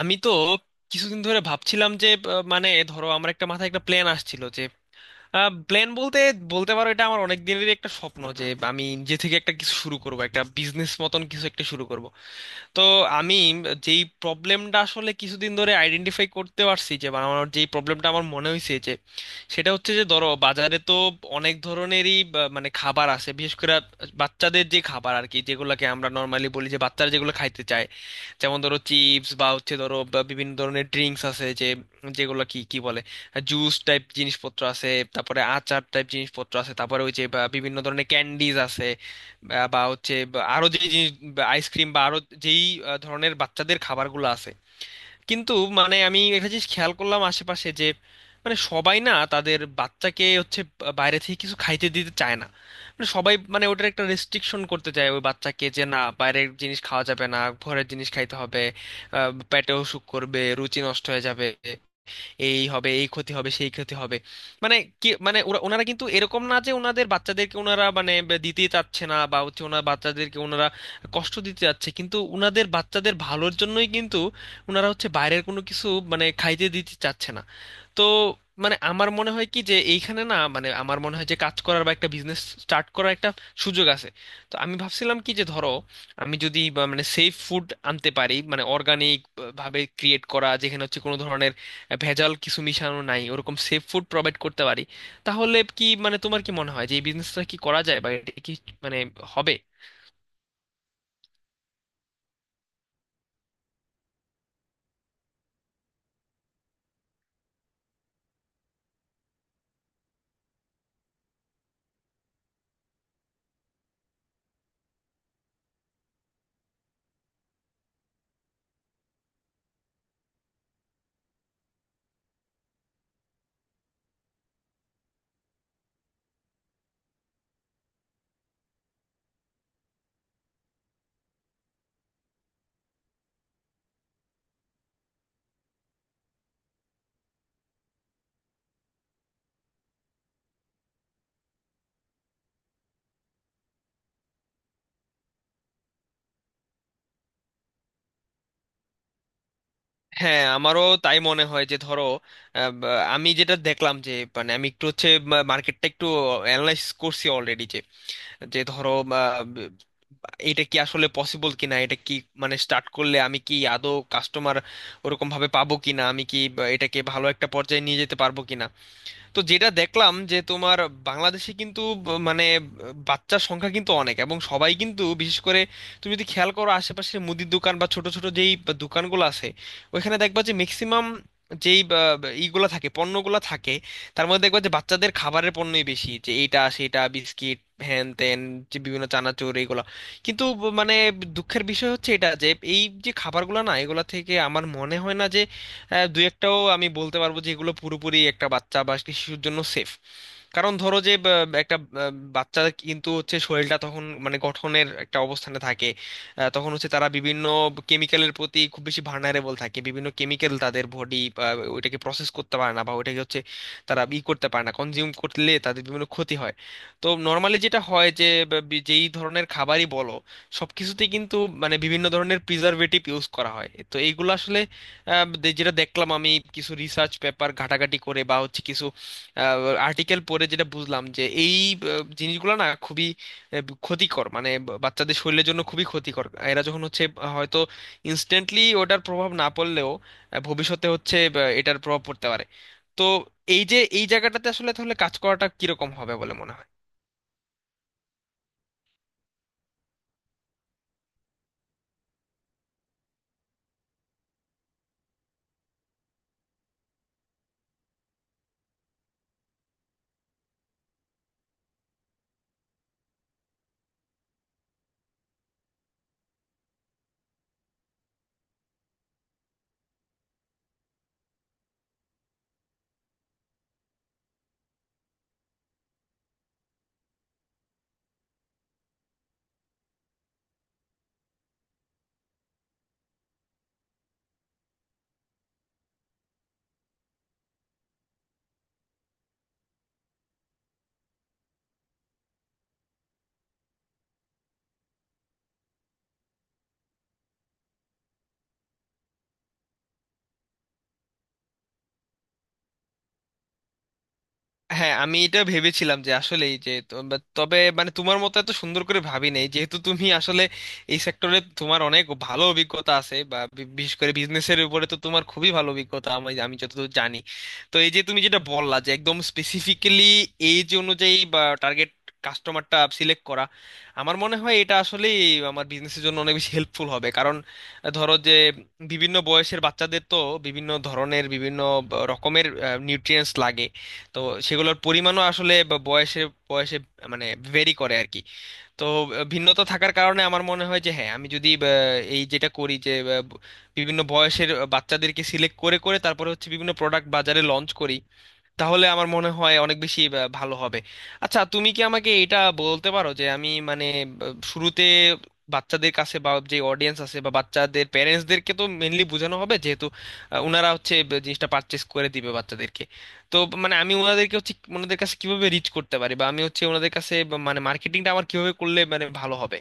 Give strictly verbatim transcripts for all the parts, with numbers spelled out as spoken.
আমি তো কিছুদিন ধরে ভাবছিলাম যে আহ, মানে ধরো আমার একটা মাথায় একটা প্ল্যান আসছিল যে প্ল্যান বলতে বলতে পারো এটা আমার অনেক দিনেরই একটা স্বপ্ন যে আমি নিজে থেকে একটা কিছু শুরু করব, একটা বিজনেস মতন কিছু একটা শুরু করব। তো আমি যেই প্রবলেমটা আসলে কিছুদিন ধরে আইডেন্টিফাই করতে পারছি, যে বা আমার যেই প্রবলেমটা আমার মনে হয়েছে যে সেটা হচ্ছে যে ধরো বাজারে তো অনেক ধরনেরই বা, মানে খাবার আছে, বিশেষ করে বাচ্চাদের যে খাবার আর কি, যেগুলোকে আমরা নর্মালি বলি যে বাচ্চারা যেগুলো খাইতে চায়। যেমন ধরো চিপস বা হচ্ছে ধরো বা বিভিন্ন ধরনের ড্রিঙ্কস আছে যে, যেগুলো কি কি বলে, জুস টাইপ জিনিসপত্র আছে, তারপরে আচার টাইপ জিনিসপত্র আছে, তারপরে ওই যে বা বিভিন্ন ধরনের ক্যান্ডিজ আছে, বা বা হচ্ছে বা আরো যে জিনিস আইসক্রিম বা ice cream বা আরো যেই আহ, ধরনের বাচ্চাদের খাবারগুলো আছে। কিন্তু মানে আমি একটা জিনিস খেয়াল করলাম আশেপাশে, যে মানে সবাই না তাদের বাচ্চাকে হচ্ছে বা- বাইরে থেকে কিছু খাইতে দিতে চায় না। মানে সবাই মানে ওটার একটা রেস্ট্রিকশন করতে চায় ওই বাচ্চাকে, যে না, বাইরের জিনিস খাওয়া যাবে না, ঘরের জিনিস খাইতে হবে। আহ, পেটে অসুখ করবে, রুচি নষ্ট হয়ে যাবে, এই হবে, এই ক্ষতি হবে, সেই ক্ষতি হবে। মানে কি মানে ওরা ওনারা কিন্তু এরকম না যে ওনাদের বাচ্চাদেরকে ওনারা মানে বে- দিতেই চাচ্ছে না বা হচ্ছে ওনার বাচ্চাদেরকে ওনারা কষ্ট দিতে চাচ্ছে, কিন্তু ওনাদের বাচ্চাদের ভালোর জন্যই কিন্তু ওনারা হচ্ছে বাইরের কোনো কিছু মানে খাইতে দিতে চাচ্ছে না। তো মানে আমার মনে হয় কি যে এইখানে না মানে আমার মনে হয় যে কাজ করার বা একটা বিজনেস স্টার্ট করার একটা সুযোগ আছে। তো আমি ভাবছিলাম কি যে ধরো আমি যদি বা মানে সেফ ফুড আনতে পারি, মানে অর্গানিক ভাবে ক্রিয়েট করা যেখানে হচ্ছে কোনো ধরনের ভেজাল কিছু মিশানো নাই, ওরকম সেফ ফুড প্রোভাইড করতে পারি, তাহলে কি মানে তোমার কি মনে হয় যে এই বিজনেসটা কি করা যায়, বা এটা কি মানে হবে? হ্যাঁ, আমারও তাই মনে হয় যে ধরো আহ, বা- আমি যেটা দেখলাম যে মানে আমি একটু হচ্ছে মার্কেটটা একটু অ্যানালাইসিস করছি অলরেডি, যে যে ধরো আহ, এটা কি আসলে পসিবল কিনা, এটা কি মানে স্টার্ট করলে আমি কি আদৌ কাস্টমার ওরকম ভাবে পাবো কিনা, আমি কি বা এটাকে ভালো একটা পর্যায়ে নিয়ে যেতে পারবো কিনা। তো যেটা দেখলাম যে তোমার বাংলাদেশে কিন্তু ব- মানে ব- বাচ্চার সংখ্যা কিন্তু অনেক, এবং সবাই কিন্তু বিশেষ করে তুমি যদি খেয়াল করো আশেপাশে মুদির দোকান বা ছোট ছোট যেই বা দোকানগুলো আছে, ওইখানে দেখবা যে ম্যাক্সিমাম যেই বা বা ইগুলা থাকে, পণ্যগুলা থাকে, তার মধ্যে দেখবা যে বাচ্চাদের খাবারের পণ্যই বেশি, যে এইটা সেটা বিস্কিট হ্যান ত্যান, যে বিভিন্ন চানাচুর এইগুলা। কিন্তু ব- মানে দুঃখের বিষয় হচ্ছে এটা যে এই যে খাবারগুলো না, এগুলা থেকে আমার মনে হয় না যে হ্যাঁ দুই একটাও আমি বলতে পারবো যে এগুলো পুরোপুরি একটা বাচ্চা বা শিশুর জন্য সেফ। কারণ ধরো যে বা- একটা আহ, বাচ্চা কিন্তু হচ্ছে শরীরটা তখন মানে গঠনের একটা অবস্থানে থাকে। আহ, তখন হচ্ছে তারা বিভিন্ন কেমিক্যালের প্রতি খুব বেশি ভার্নারেবল থাকে, বিভিন্ন কেমিক্যাল তাদের বডি ওইটাকে প্রসেস করতে পারে না, বা ওইটাকে হচ্ছে তারা ই করতে পারে না, কনজিউম করলে তাদের বিভিন্ন ক্ষতি হয়। তো নর্মালি যেটা হয় যে বা বি- যেই ধরনের খাবারই বলো, সব কিছুতেই কিন্তু মানে বিভিন্ন ধরনের প্রিজারভেটিভ ইউজ করা হয়। তো এইগুলো আসলে আহ, দে- যেটা দেখলাম আমি কিছু রিসার্চ পেপার ঘাটাঘাটি করে, বা হচ্ছে কিছু আর্টিকেল পড়ে যেটা বুঝলাম যে এই আহ, জিনিসগুলো না খুবই আহ, ক্ষতিকর, মানে বা- বাচ্চাদের শরীরের জন্য খুবই ক্ষতিকর। এরা যখন হচ্ছে আহ, হয়তো ইনস্ট্যান্টলি ওটার প্রভাব না পড়লেও আহ, ভবিষ্যতে হচ্ছে আহ, এটার প্রভাব পড়তে পারে। তো এই যে এই জায়গাটাতে আসলে তাহলে কাজ করাটা কিরকম হবে বলে মনে হয়? হ্যাঁ, আমি এটা ভেবেছিলাম যে আসলেই যে তো- বা- তবে মানে তোমার মতো এত সুন্দর করে ভাবি নাই, যেহেতু তুমি আসলে এই সেক্টরে তোমার অনেক ভালো অভিজ্ঞতা আছে, বা বি- বিশেষ করে বিজনেসের উপরে তো তোমার খুবই ভালো অভিজ্ঞতা আমি আমি যতদূর জানি। তো এই যে তুমি যেটা বললা যে একদম স্পেসিফিক্যালি এজ অনুযায়ী বা টার্গেট কাস্টমারটা সিলেক্ট করা, আমার মনে হয় এটা আসলে আমার বিজনেসের জন্য অনেক বেশি হেল্পফুল হবে। কারণ ধরো যে বিভিন্ন বয়সের বাচ্চাদের তো বিভিন্ন ধরনের, বিভিন্ন ব- রকমের নিউট্রিয়েন্টস লাগে। তো সেগুলোর পরিমাণও আসলে ব- বয়সে বয়সে মানে ভেরি করে আর কি। তো আহ, ভিন্নতা থাকার কারণে আমার মনে হয় যে হ্যাঁ, আমি যদি আহ, এই যেটা করি যে আহ, ব- বিভিন্ন বয়সের আহ, বাচ্চাদেরকে সিলেক্ট করে করে তারপরে হচ্ছে বিভিন্ন প্রোডাক্ট বাজারে লঞ্চ করি, তাহলে আমার মনে হয় অনেক বেশি আহ, ভালো হবে। আচ্ছা, তুমি কি আমাকে এটা বলতে পারো যে আমি মানে আহ, শুরুতে বাচ্চাদের কাছে বা যে অডিয়েন্স আছে বা বাচ্চাদের প্যারেন্টসদেরকে তো মেনলি বোঝানো হবে, যেহেতু আহ, ওনারা হচ্ছে ব- জিনিসটা পারচেস করে দিবে বাচ্চাদেরকে, তো মানে আমি ওনাদেরকে হচ্ছে ওনাদের কাছে কিভাবে রিচ করতে পারি, বা আমি হচ্ছে ওনাদের কাছে বা মানে মার্কেটিংটা আমার কিভাবে করলে মানে ভালো হবে?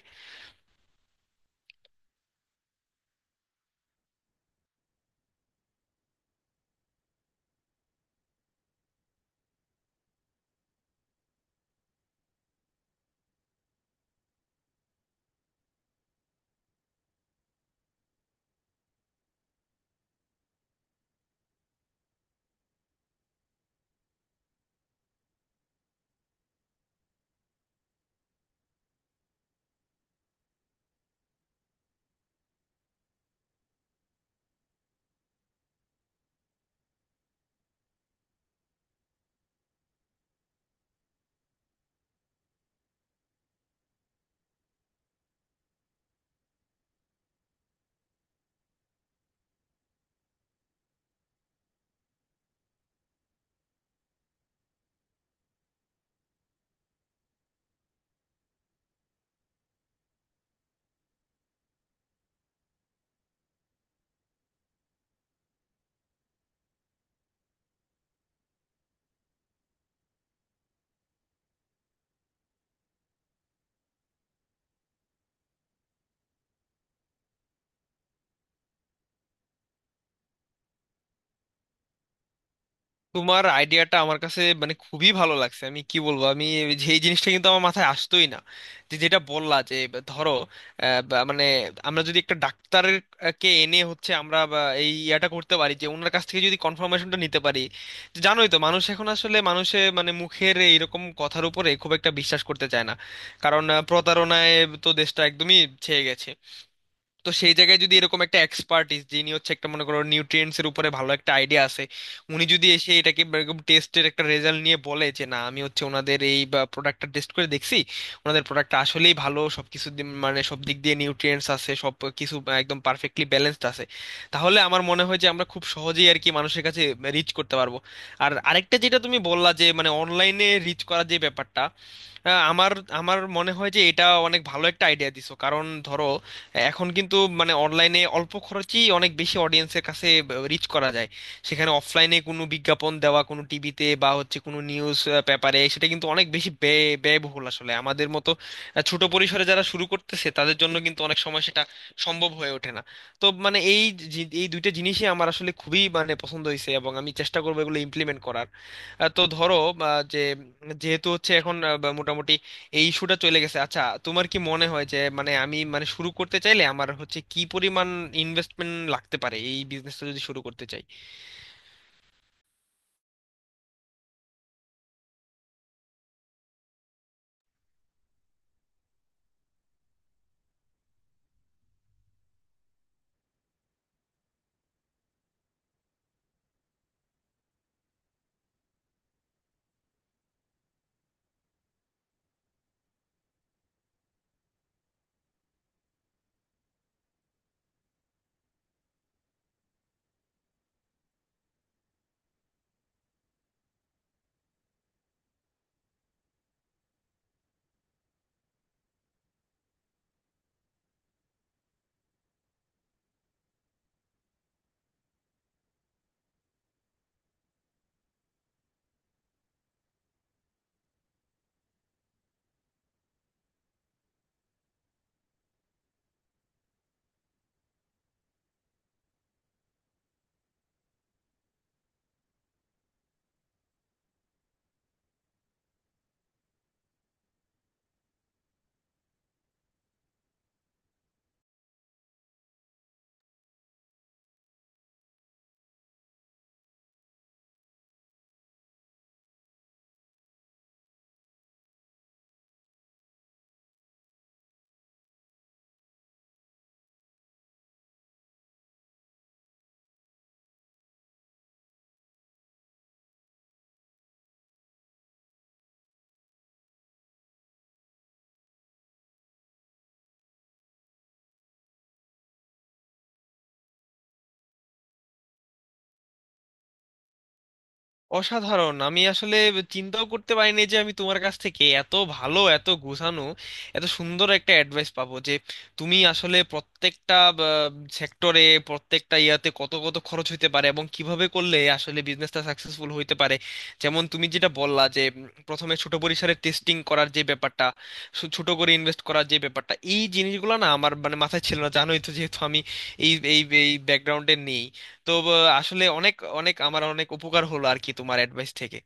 তোমার আইডিয়াটা আমার কাছে মানে খুবই ভালো লাগছে। আমি কি বলবো আমি, যে এই জিনিসটা কিন্তু আমার মাথায় আসতোই না, যে যেটা বললা যে ধরো আহ, বা মানে আমরা যদি একটা ডাক্তারের আহ, কে এনে হচ্ছে আমরা বা এই ইয়াটা করতে পারি যে ওনার কাছ থেকে যদি কনফার্মেশনটা নিতে পারি। যে জানোই তো, মানুষ এখন আসলে মানুষে মানে মুখের এইরকম কথার উপরে খুব একটা বিশ্বাস করতে চায় না, কারণ আহ, প্রতারণায় তো দেশটা একদমই ছেয়ে গেছে। তো সেই জায়গায় যদি এরকম একটা এক্সপার্টিস, যিনি হচ্ছে একটা মনে করো নিউট্রিয়েন্টস এর উপরে ভালো একটা আইডিয়া আছে, উনি যদি এসে এটাকে এরকম টেস্টের একটা রেজাল্ট নিয়ে বলে যে না, আমি হচ্ছে ওনাদের এই প্রোডাক্টটা টেস্ট করে দেখছি, ওনাদের প্রোডাক্টটা আসলেই ভালো, সবকিছু দিক মানে সব দিক দিয়ে নিউট্রিয়েন্টস আছে, সব কিছু একদম পারফেক্টলি ব্যালেন্সড আছে, তাহলে আমার মনে হয় যে আমরা খুব সহজেই আর কি মানুষের কাছে রিচ করতে পারবো। আর আরেকটা যেটা তুমি বললা যে মানে অনলাইনে রিচ করার যে ব্যাপারটা, আহ, আমার আমার মনে হয় যে এটা অনেক ভালো একটা আইডিয়া দিছো। কারণ ধরো এখন কিন্তু মানে অনলাইনে অল্প খরচেই অনেক বেশি অডিয়েন্সের কাছে রিচ করা যায়। সেখানে অফলাইনে কোনো বিজ্ঞাপন দেওয়া কোনো টিভিতে বা হচ্ছে কোনো নিউজ পেপারে, সেটা কিন্তু অনেক বেশি ব্যয় ব্যয়বহুল। আসলে আমাদের মতো আহ, ছোট পরিসরে যারা শুরু করতেছে তাদের জন্য কিন্তু অনেক সময় সেটা সম্ভব হয়ে ওঠে না। তো মানে এই জি- এই দুইটা জিনিসই আমার আসলে খুবই মানে পছন্দ হয়েছে, এবং আমি চেষ্টা করবো এগুলো ইমপ্লিমেন্ট করার। আহ, তো ধরো আহ, যে যেহেতু হচ্ছে এখন আহ, বা মোটামুটি এই ইস্যুটা চলে গেছে, আচ্ছা, তোমার কি মনে হয় যে মানে আমি মানে শুরু করতে চাইলে আমার হচ্ছে কি পরিমাণ ইনভেস্টমেন্ট লাগতে পারে এই বিজনেসটা যদি শুরু করতে চাই? অসাধারণ! আমি আসলে চিন্তাও করতে পারিনি যে আমি তোমার কাছ থেকে এত ভালো, এত গুছানো, এত সুন্দর একটা অ্যাডভাইস পাবো, যে তুমি আসলে প্রত্যেকটা সেক্টরে প্রত্যেকটা ইয়াতে কত কত খরচ হইতে পারে এবং কিভাবে করলে আসলে বিজনেসটা সাকসেসফুল হইতে পারে। যেমন তুমি যেটা বললা যে উম, প্রথমে ছোট পরিসরে টেস্টিং করার যে ব্যাপারটা, সু- ছোট করে ইনভেস্ট করার যে ব্যাপারটা, এই জিনিসগুলো না আমার মানে মাথায় ছিল না, জানোই তো যেহেতু আমি এই এই এই ব্যাকগ্রাউন্ডে নেই। তো ব- আসলে অনেক অনেক আমার অনেক উপকার হলো আর কি তোমার অ্যাডভাইস থেকে।